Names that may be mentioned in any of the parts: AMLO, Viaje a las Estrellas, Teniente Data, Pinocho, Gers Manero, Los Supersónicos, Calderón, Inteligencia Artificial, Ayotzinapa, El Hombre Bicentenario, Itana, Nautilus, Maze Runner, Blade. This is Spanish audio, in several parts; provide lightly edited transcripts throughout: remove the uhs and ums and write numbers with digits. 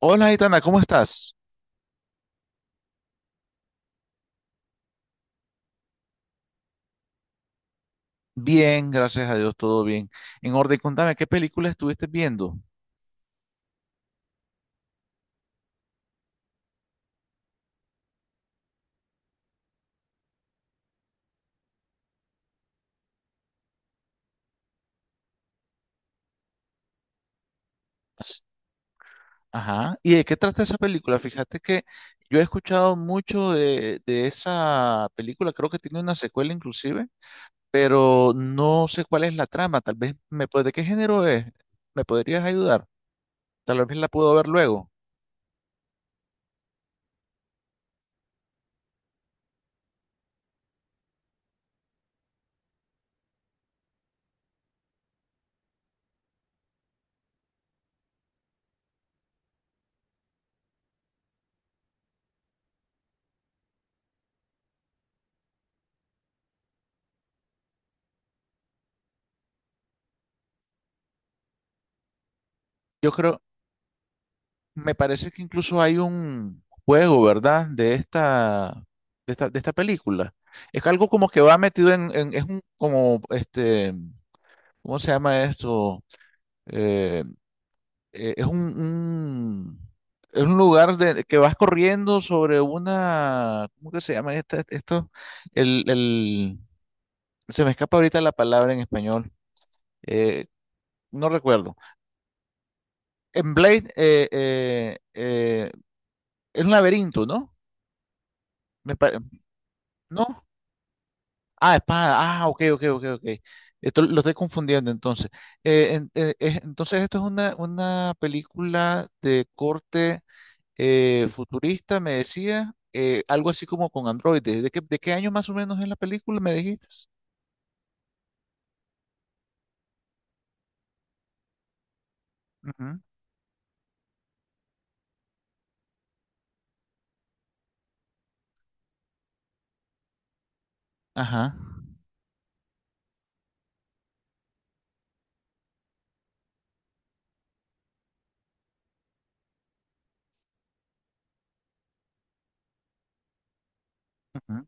Hola, Itana, ¿cómo estás? Bien, gracias a Dios, todo bien. En orden, contame, ¿qué película estuviste viendo? Ajá. ¿Y de qué trata esa película? Fíjate que yo he escuchado mucho de esa película, creo que tiene una secuela inclusive, pero no sé cuál es la trama. Tal vez me puede, ¿de qué género es? ¿Me podrías ayudar? Tal vez la puedo ver luego. Yo creo, me parece que incluso hay un juego, ¿verdad? De esta película. Es algo como que va metido en, es un, como, este, ¿cómo se llama esto? Eh, es un, es un lugar de, que vas corriendo sobre una, ¿cómo que se llama esto? El, el, se me escapa ahorita la palabra en español. Eh, no recuerdo. En Blade, es un laberinto, ¿no? Me pare- ¿No? Ah, espada. Ah, ok, ok, ok, ok. Esto lo estoy confundiendo entonces. Entonces, esto es una película de corte futurista, me decía, algo así como con androides. De qué año más o menos es la película, me dijiste? Ujú. Ajá, ujú.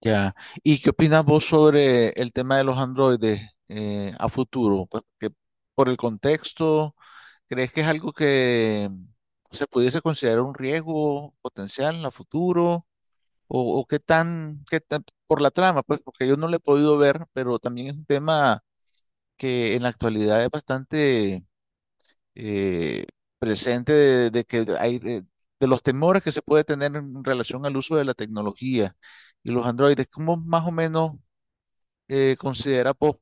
Ya. ¿Y qué opinas vos sobre el tema de los androides a futuro? Pues, que por el contexto, ¿crees que es algo que se pudiese considerar un riesgo potencial a futuro? O qué tan, por la trama, pues, porque yo no le he podido ver, pero también es un tema que en la actualidad es bastante eh, presente de que hay, de, los temores que se puede tener en relación al uso de la tecnología y los androides. ¿Cómo más o menos considera pues,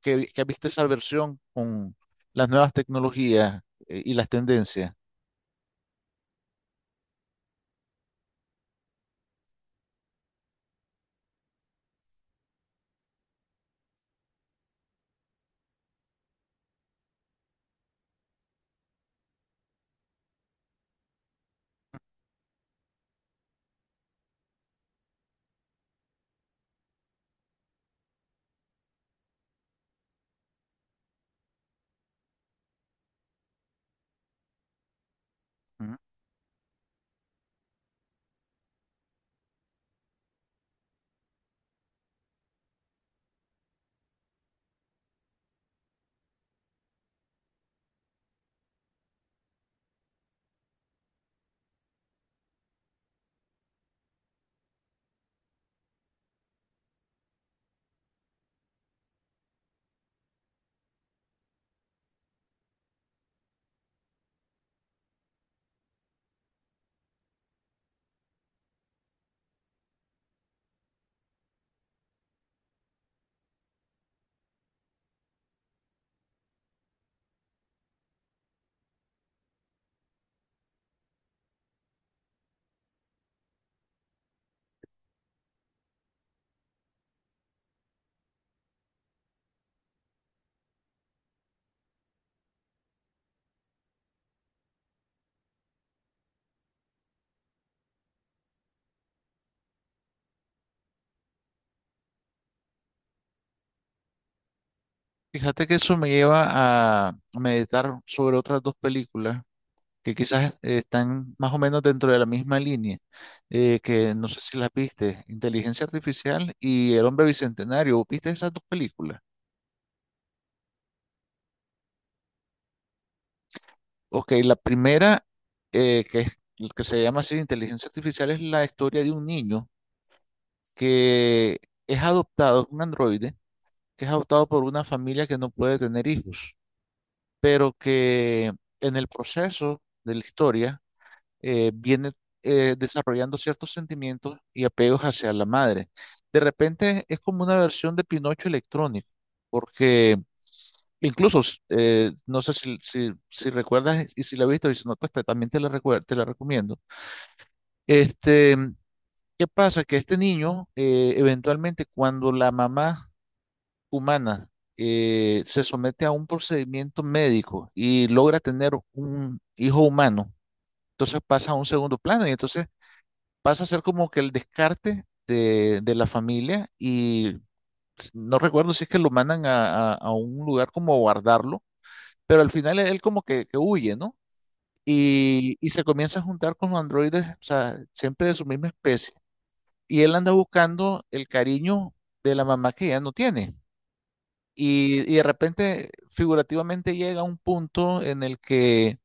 que ha visto esa versión con las nuevas tecnologías y las tendencias? Ujú. Fíjate que eso me lleva a meditar sobre otras dos películas que quizás están más o menos dentro de la misma línea, que no sé si las viste, Inteligencia Artificial y El Hombre Bicentenario. ¿Viste esas dos películas? Ok, la primera, que, que se llama así Inteligencia Artificial, es la historia de un niño que es adoptado, un androide, que es adoptado por una familia que no puede tener hijos, pero que en el proceso de la historia, viene desarrollando ciertos sentimientos y apegos hacia la madre. De repente es como una versión de Pinocho electrónico, porque incluso, no sé si recuerdas y si la has visto, y si no, pues también te la, te la recomiendo. Este, ¿qué pasa? Que este niño, eventualmente, cuando la mamá humana se somete a un procedimiento médico y logra tener un hijo humano, entonces pasa a un segundo plano y entonces pasa a ser como que el descarte de la familia y no recuerdo si es que lo mandan a, a un lugar como a guardarlo, pero al final él como que huye, ¿no? Y se comienza a juntar con los androides, o sea, siempre de su misma especie. Y él anda buscando el cariño de la mamá que ya no tiene. Y de repente, figurativamente, llega a un punto en el que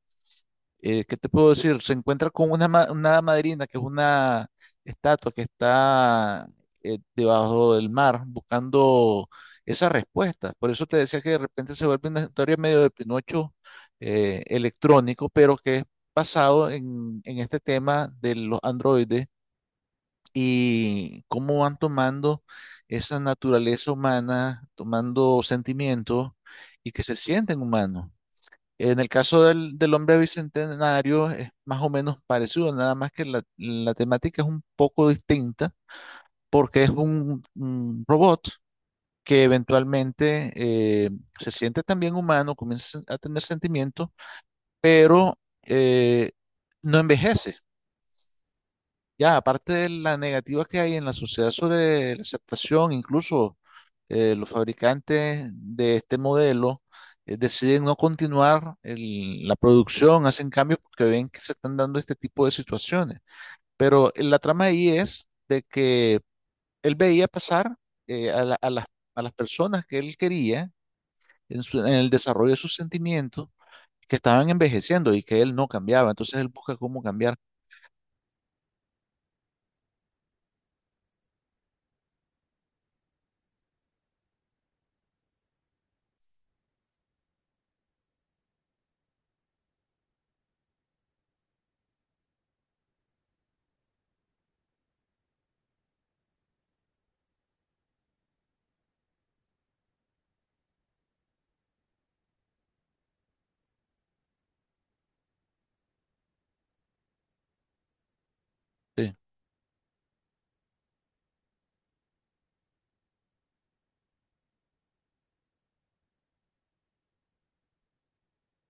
¿qué te puedo decir? Se encuentra con una, una hada madrina, que es una estatua que está debajo del mar buscando esas respuestas. Por eso te decía que de repente se vuelve una historia medio de Pinocho electrónico, pero que es basado en este tema de los androides y cómo van tomando esa naturaleza humana, tomando sentimientos y que se sienten humanos. En el caso del, del hombre bicentenario es más o menos parecido, nada más que la temática es un poco distinta porque es un robot que eventualmente se siente también humano, comienza a tener sentimientos, pero eh, no envejece. Ya, aparte de la negativa que hay en la sociedad sobre la aceptación, incluso los fabricantes de este modelo deciden no continuar la producción, hacen cambios porque ven que se están dando este tipo de situaciones. Pero la trama ahí es de que él veía pasar a a las personas que él quería en, en el desarrollo de sus sentimientos que estaban envejeciendo y que él no cambiaba. Entonces él busca cómo cambiar. Sí,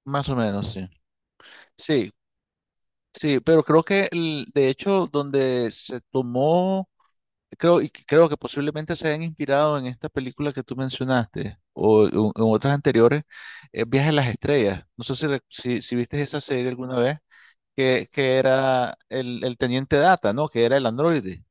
más o menos, sí. Sí, sí, pero creo que de hecho donde se tomó, creo, y creo que posiblemente se hayan inspirado en esta película que tú mencionaste o en otras anteriores, es Viaje a las Estrellas. No sé si, si, si viste esa serie alguna vez, que era el Teniente Data, ¿no? Que era el androide.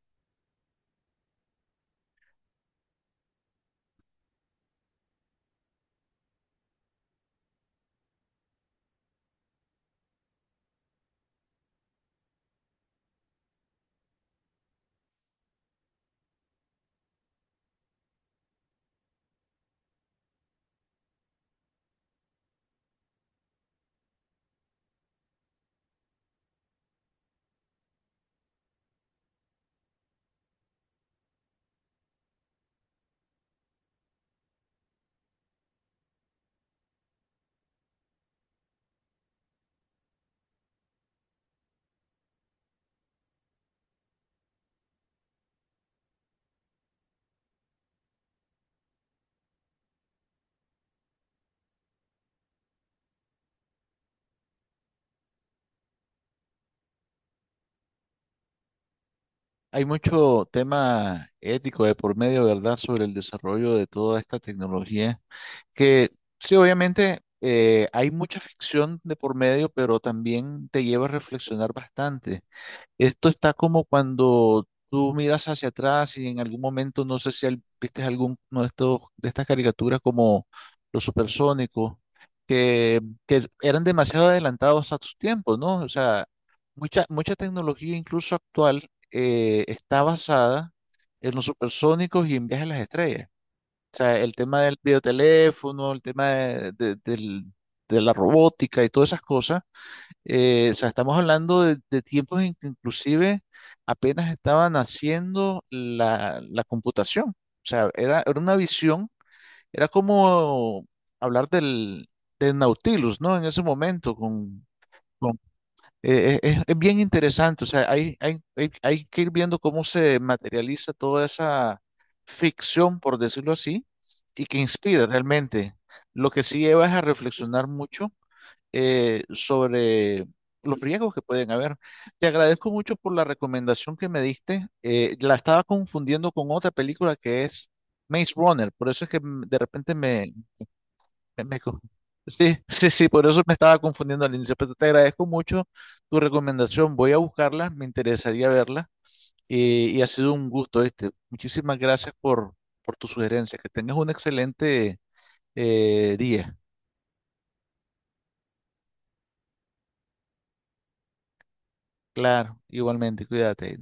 Hay mucho tema ético de por medio, ¿verdad?, sobre el desarrollo de toda esta tecnología. Que sí, obviamente hay mucha ficción de por medio, pero también te lleva a reflexionar bastante. Esto está como cuando tú miras hacia atrás y en algún momento, no sé si viste alguno de estos, de estas caricaturas como los supersónicos, que, que eran demasiado adelantados a sus tiempos, ¿no? O sea, mucha, mucha tecnología, incluso actual, está basada en los supersónicos y en viajes a las estrellas. O sea, el tema del videoteléfono, el tema de, de la robótica y todas esas cosas. O sea, estamos hablando de tiempos en que inclusive apenas estaba naciendo la, la computación. O sea, era, era una visión, era como hablar del, del Nautilus, ¿no? En ese momento, con, es bien interesante, o sea, hay que ir viendo cómo se materializa toda esa ficción, por decirlo así, y que inspira realmente. Lo que sí lleva es a reflexionar mucho sobre los riesgos que pueden haber. Te agradezco mucho por la recomendación que me diste. La estaba confundiendo con otra película que es Maze Runner, por eso es que mm, de repente me, eh, me co- sí, sí, sí, por eso me estaba confundiendo al inicio, pero te agradezco mucho tu recomendación. Voy a buscarla, me interesaría verla y ha sido un gusto este. Muchísimas gracias por tu sugerencia. Que tengas un excelente día. Claro, igualmente, cuídate.